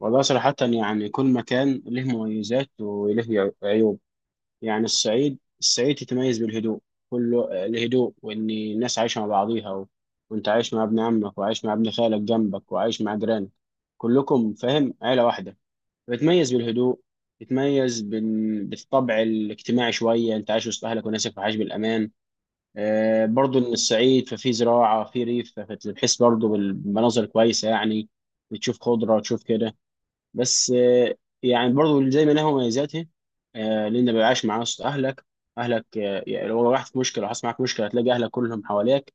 والله صراحة، يعني كل مكان له مميزات وله عيوب. يعني الصعيد تتميز بالهدوء، كله الهدوء، وإن الناس عايشة مع بعضيها وأنت عايش مع ابن عمك وعايش مع ابن خالك جنبك وعايش مع جيرانك، كلكم فاهم عيلة واحدة. بتميز بالهدوء، بتميز بالطبع الاجتماعي شوية، أنت عايش وسط أهلك وناسك وعايش بالأمان. آه، برضو إن الصعيد ففيه زراعة، فيه ريف، فبتحس برضو بالمناظر كويسة يعني، بتشوف خضرة، تشوف كده. بس يعني برضو زي ما لها مميزاتها لان ما بيبقاش معاه صوت اهلك. اهلك يعني لو رحت في مشكله، لو حصل معاك مشكله هتلاقي اهلك كلهم حواليك.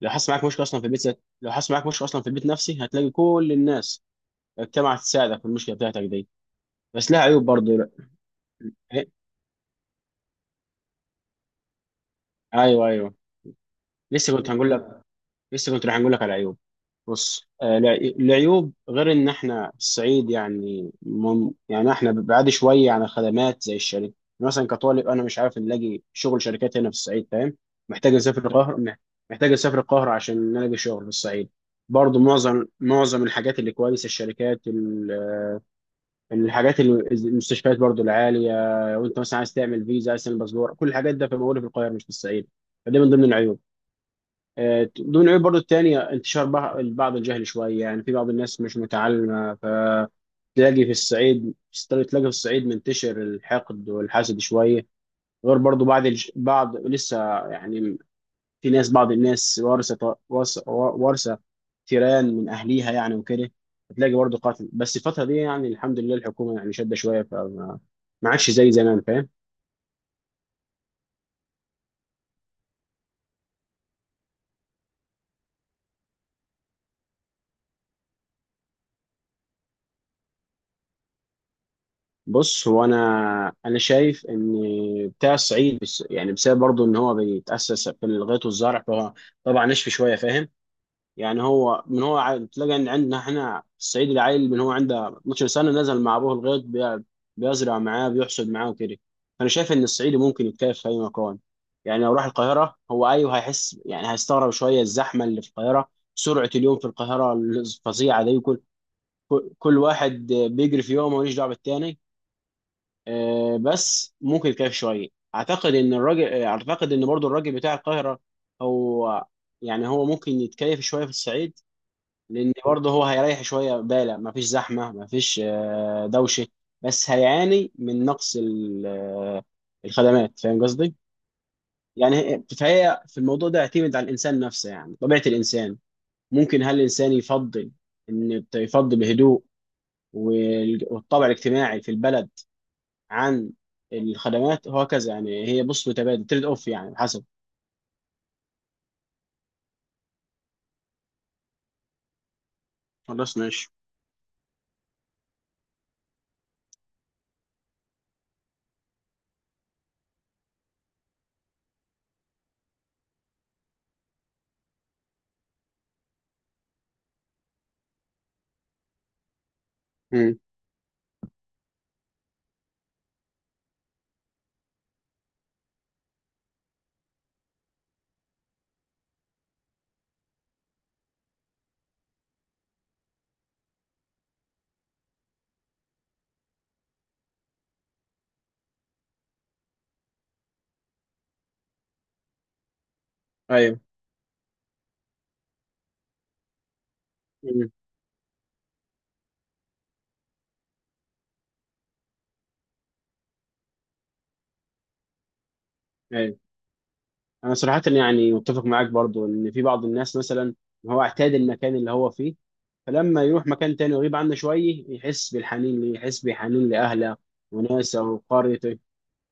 لو حصل معاك مشكله اصلا في بيتك، لو حصل معاك مشكله اصلا في البيت نفسي هتلاقي كل الناس اجتمعت تساعدك في المشكله بتاعتك دي. بس لها عيوب برضو، لا. إيه؟ ايوه، ايوه. لسه كنت هنقول لك، لسه كنت رايح اقول لك على عيوب. بص، العيوب غير ان احنا في الصعيد، يعني يعني احنا بعاد شويه عن الخدمات زي الشركه يعني. مثلا كطالب انا مش عارف نلاقي شغل شركات هنا في الصعيد، فاهم؟ محتاج اسافر القاهره، محتاج اسافر القاهره عشان نلاقي شغل في الصعيد. برضو معظم الحاجات اللي كويسه، الشركات الحاجات اللي المستشفيات برضو العاليه. وانت مثلا عايز تعمل فيزا، عايز تعمل باسبور، كل الحاجات ده في موجوده في القاهره، مش في الصعيد. فدي من ضمن العيوب. ضمن العيوب برضو التانية انتشار بعض الجهل شوية، يعني في بعض الناس مش متعلمة، فتلاقي في الصعيد، تلاقي في الصعيد منتشر الحقد والحسد شوية. غير برضو بعض لسه، يعني، في ناس، بعض الناس وارثة وارثة تيران من أهليها يعني وكده. تلاقي برضو قاتل، بس الفترة دي يعني الحمد لله الحكومة يعني شادة شوية، فما، ما عادش زي زمان، فاهم؟ بص، انا انا شايف ان بتاع الصعيد بس يعني بسبب برضه ان هو بيتاسس في الغيط والزرع، فهو طبعا نشف شويه، فاهم؟ يعني هو تلاقي ان عندنا احنا في الصعيد العيل من هو عنده 12 سنه نزل مع ابوه الغيط، بيزرع معاه، بيحصد معاه، وكده. فانا شايف ان الصعيدي ممكن يتكيف في اي مكان. يعني لو راح القاهره هو ايوه هيحس، يعني هيستغرب شويه الزحمه اللي في القاهره، سرعه اليوم في القاهره الفظيعه دي، كل واحد بيجري في يومه، ماليش دعوه بالتاني. بس ممكن كاف شويه. اعتقد ان الراجل، اعتقد ان برضو الراجل بتاع القاهره هو، يعني هو ممكن يتكيف شويه في الصعيد، لان برضه هو هيريح شويه باله، ما فيش زحمه، ما فيش دوشه. بس هيعاني من نقص الخدمات، فاهم قصدي؟ يعني فهي في الموضوع ده يعتمد على الانسان نفسه، يعني طبيعه الانسان، ممكن هل الانسان يفضل، ان يفضل الهدوء والطابع الاجتماعي في البلد عن الخدمات وهكذا. يعني هي بص متبادل تريد اوف يعني، حسب. خلاص، ماشي. امم، ايوه، امم، ايوه. انا صراحه يعني متفق معاك برضو ان في بعض الناس مثلا هو اعتاد المكان اللي هو فيه، فلما يروح مكان تاني ويغيب عنه شويه يحس بالحنين ليه، يحس بحنين لاهله وناسه وقريته،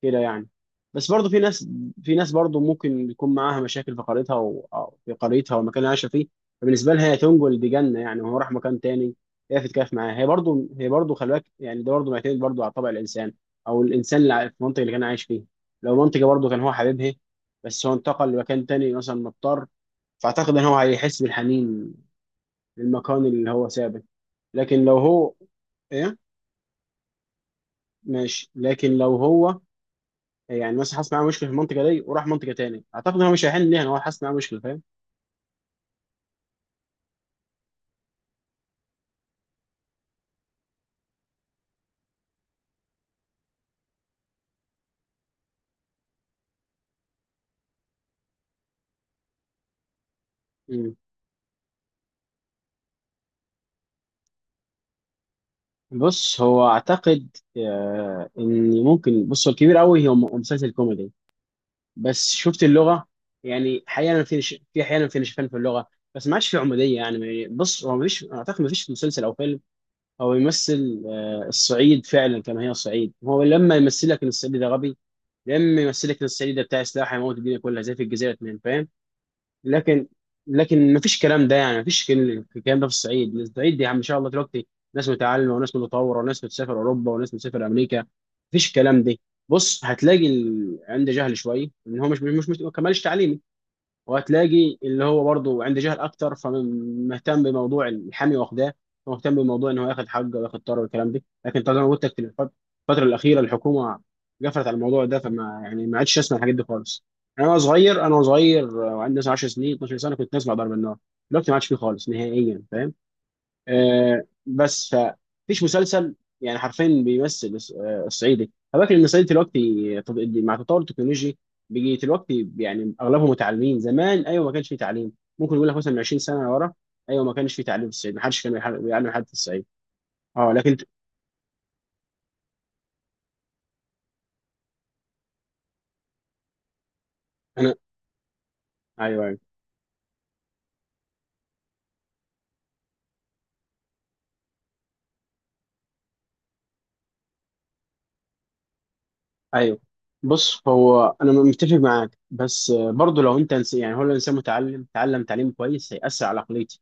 كده يعني. بس برضه في ناس، في ناس برضه ممكن يكون معاها مشاكل في قريتها أو في قريتها والمكان اللي عايشه فيه، فبالنسبه لها هي تنجل دي جنه يعني، وهو راح مكان تاني هي تتكيف معاها. هي برضه، هي برضه خلي بالك، يعني ده برضه معتمد برضه على طبع الانسان او الانسان في المنطقه اللي كان عايش فيه. لو منطقه برضه كان هو حبيبها بس هو انتقل لمكان تاني مثلا مضطر، فاعتقد ان هو هيحس بالحنين للمكان اللي هو سابه. لكن لو هو، ايه، ماشي. لكن لو هو يعني مثلا حاسس معاه مشكله في المنطقه دي وراح منطقه تاني، اعتقد هو مش هيحل ليها هو حاسس معاه مشكله، فاهم؟ مم. بص، هو اعتقد آه ان ممكن، بص هو الكبير قوي هو مسلسل كوميدي، بس شفت اللغه يعني احيانا في احيانا في نشفان في اللغه، بس ما عادش في عموديه يعني. بص هو مفيش، اعتقد مفيش مسلسل او فيلم هو يمثل آه الصعيد فعلا كما هي. الصعيد هو لما يمثل لك ان الصعيدي ده غبي، لما يمثل لك ان الصعيدي ده بتاع سلاح هيموت الدنيا كلها زي في الجزائر اتنين، فاهم؟ لكن لكن ما فيش كلام ده، يعني ما فيش الكلام ده في الصعيد. الصعيد دي ما شاء الله دلوقتي ناس متعلمه وناس متطوره وناس بتسافر اوروبا وناس بتسافر امريكا، ما فيش الكلام ده. بص، هتلاقي عنده جهل شويه ان هو مش ما كملش تعليم، وهتلاقي اللي هو برضه عنده جهل اكتر فمهتم بموضوع الحامي واخداه، ومهتم بموضوع ان هو ياخد حقه وياخد طار والكلام ده. لكن طبعا زي ما قلت لك في الفتره الاخيره الحكومه قفلت على الموضوع ده، فما يعني ما عادش اسمع الحاجات دي خالص. انا وانا صغير، انا صغير، وعندي مثلا 10 سنين 12 سنه كنت اسمع ضرب النار. دلوقتي ما عادش فيه خالص نهائيا، فاهم؟ آه، بس فمفيش مسلسل يعني حرفيا بيمثل الصعيدي. فاكر ان الصعيدي دلوقتي مع تطور التكنولوجي، بيجي دلوقتي يعني اغلبهم متعلمين. زمان ايوه ما كانش فيه تعليم، ممكن يقول لك مثلا من 20 سنه ورا ايوه ما كانش فيه تعليم في الصعيد، ما حدش كان بيعلم حد في الصعيد. اه، لكن انا، ايوه، ايوه، ايوه. بص هو انا متفق معاك، بس برضه لو انت يعني هو لو الانسان متعلم تعلم تعليم كويس هيأثر على عقليته،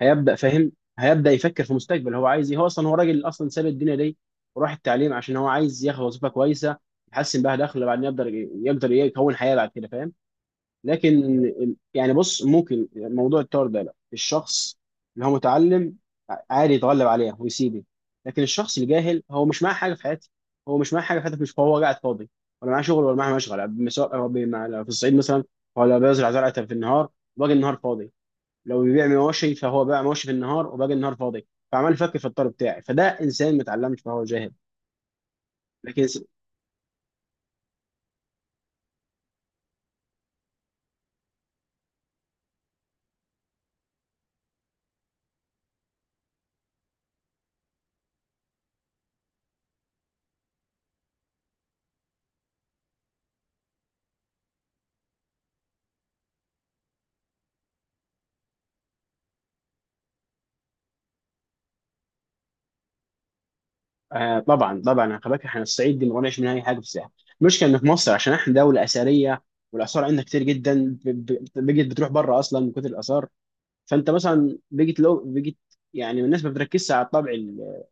هيبدا فاهم، هيبدا يفكر في مستقبل هو عايز ايه. هو اصلا هو راجل اصلا ساب الدنيا دي وراح التعليم عشان هو عايز ياخد وظيفه كويسه يحسن بها دخله، بعدين يقدر يكون حياه بعد كده، فاهم؟ لكن يعني بص ممكن موضوع التور ده، لا، الشخص اللي هو متعلم عادي يتغلب عليها ويسيبه. لكن الشخص الجاهل هو مش معاه حاجه في حياته، هو مش معاه حاجه في حياته، مش هو قاعد فاضي، ولا معاه شغل ولا معاه مشغل، سواء في الصعيد مثلا، ولا بيزرع زرعه في النهار، باقي النهار فاضي، لو بيبيع مواشي فهو باع مواشي في النهار وباقي النهار فاضي، فعمال يفكر في الطلب بتاعي. فده انسان ما اتعلمش فهو جاهل. لكن آه، طبعا طبعا، خلي بالك احنا الصعيد دي ما بنعرفش منها اي حاجه في الساحل. المشكله ان في مصر عشان احنا دوله اثريه، والاثار عندنا كتير جدا، بقت بتروح بره اصلا من كتر الاثار. فانت مثلا بقيت، لو بقيت، يعني الناس ما بتركزش على الطبع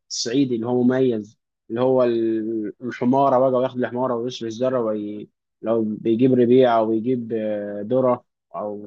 الصعيدي اللي هو مميز، اللي هو الحماره بقى وياخد الحماره ويشرب الذره لو بيجيب ربيع او بيجيب ذره او،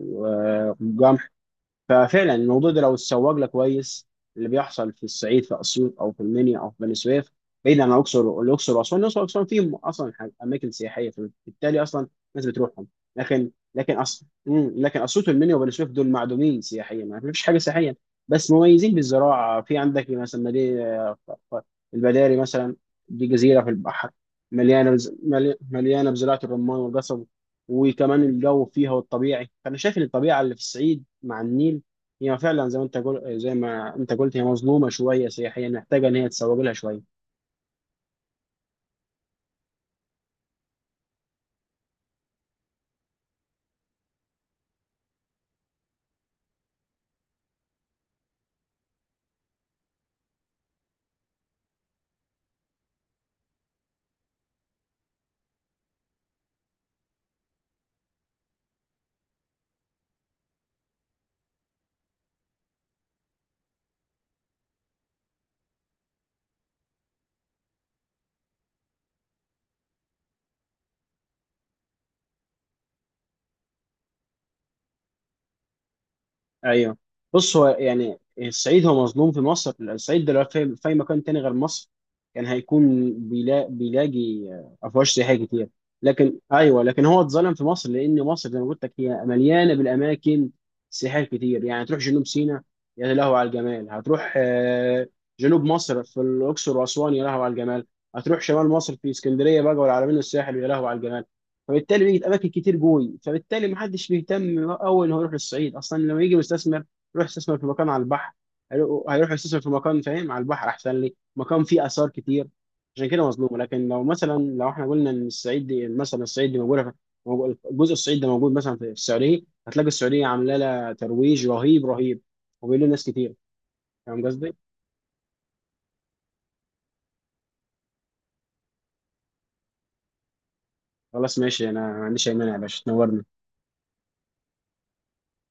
ففعلا الموضوع ده لو اتسوق له كويس. اللي بيحصل في الصعيد في اسيوط او في المنيا او في بني سويف، بعيد عن الاقصر. الاقصر واسوان، الاقصر واسوان فيهم اصلا اماكن سياحيه، فبالتالي اصلا الناس بتروحهم. لكن اصلا، لكن اسيوط والمنيا وبني سويف دول معدومين سياحيا، ما فيش حاجه سياحيا، بس مميزين بالزراعه. في عندك مثلا مدينه البداري مثلا، دي جزيره في البحر، مليانه بزراعه الرمان والقصب، وكمان الجو فيها والطبيعي. فانا شايف ان الطبيعه اللي في الصعيد مع النيل هي فعلا زي ما زي ما انت قلت هي مظلومه شويه سياحيا، محتاجه ان هي تسوق لها شويه. ايوه. بص هو يعني الصعيد هو مظلوم في مصر. الصعيد ده لو في أي مكان تاني غير مصر كان هيكون بيلاقي افواج سياحيه كتير. لكن ايوه، لكن هو اتظلم في مصر لان مصر زي ما قلت لك هي مليانه بالاماكن سياحيه كتير، يعني تروح جنوب سيناء يا لهو على الجمال، هتروح جنوب مصر في الاقصر واسوان يا لهو على الجمال، هتروح شمال مصر في اسكندريه بقى والعلمين والساحل يا لهو على الجمال. فبالتالي بيجي اماكن كتير جوي، فبالتالي محدش بيهتم قوي ان هو يروح للصعيد. اصلا لما يجي مستثمر يروح يستثمر في مكان على البحر، هيروح يستثمر في مكان، فاهم، على البحر احسن لي مكان فيه اثار كتير. عشان كده مظلوم. لكن لو مثلا لو احنا قلنا ان الصعيد دي مثلا، الصعيد دي موجوده في موجود- الجزء الصعيد ده موجود مثلا في السعوديه، هتلاقي السعوديه عامله لها ترويج رهيب رهيب، وبيقول له ناس كتير. فاهم قصدي؟ خلاص ماشي، انا ما عنديش اي مانع، يا باشا تنورنا.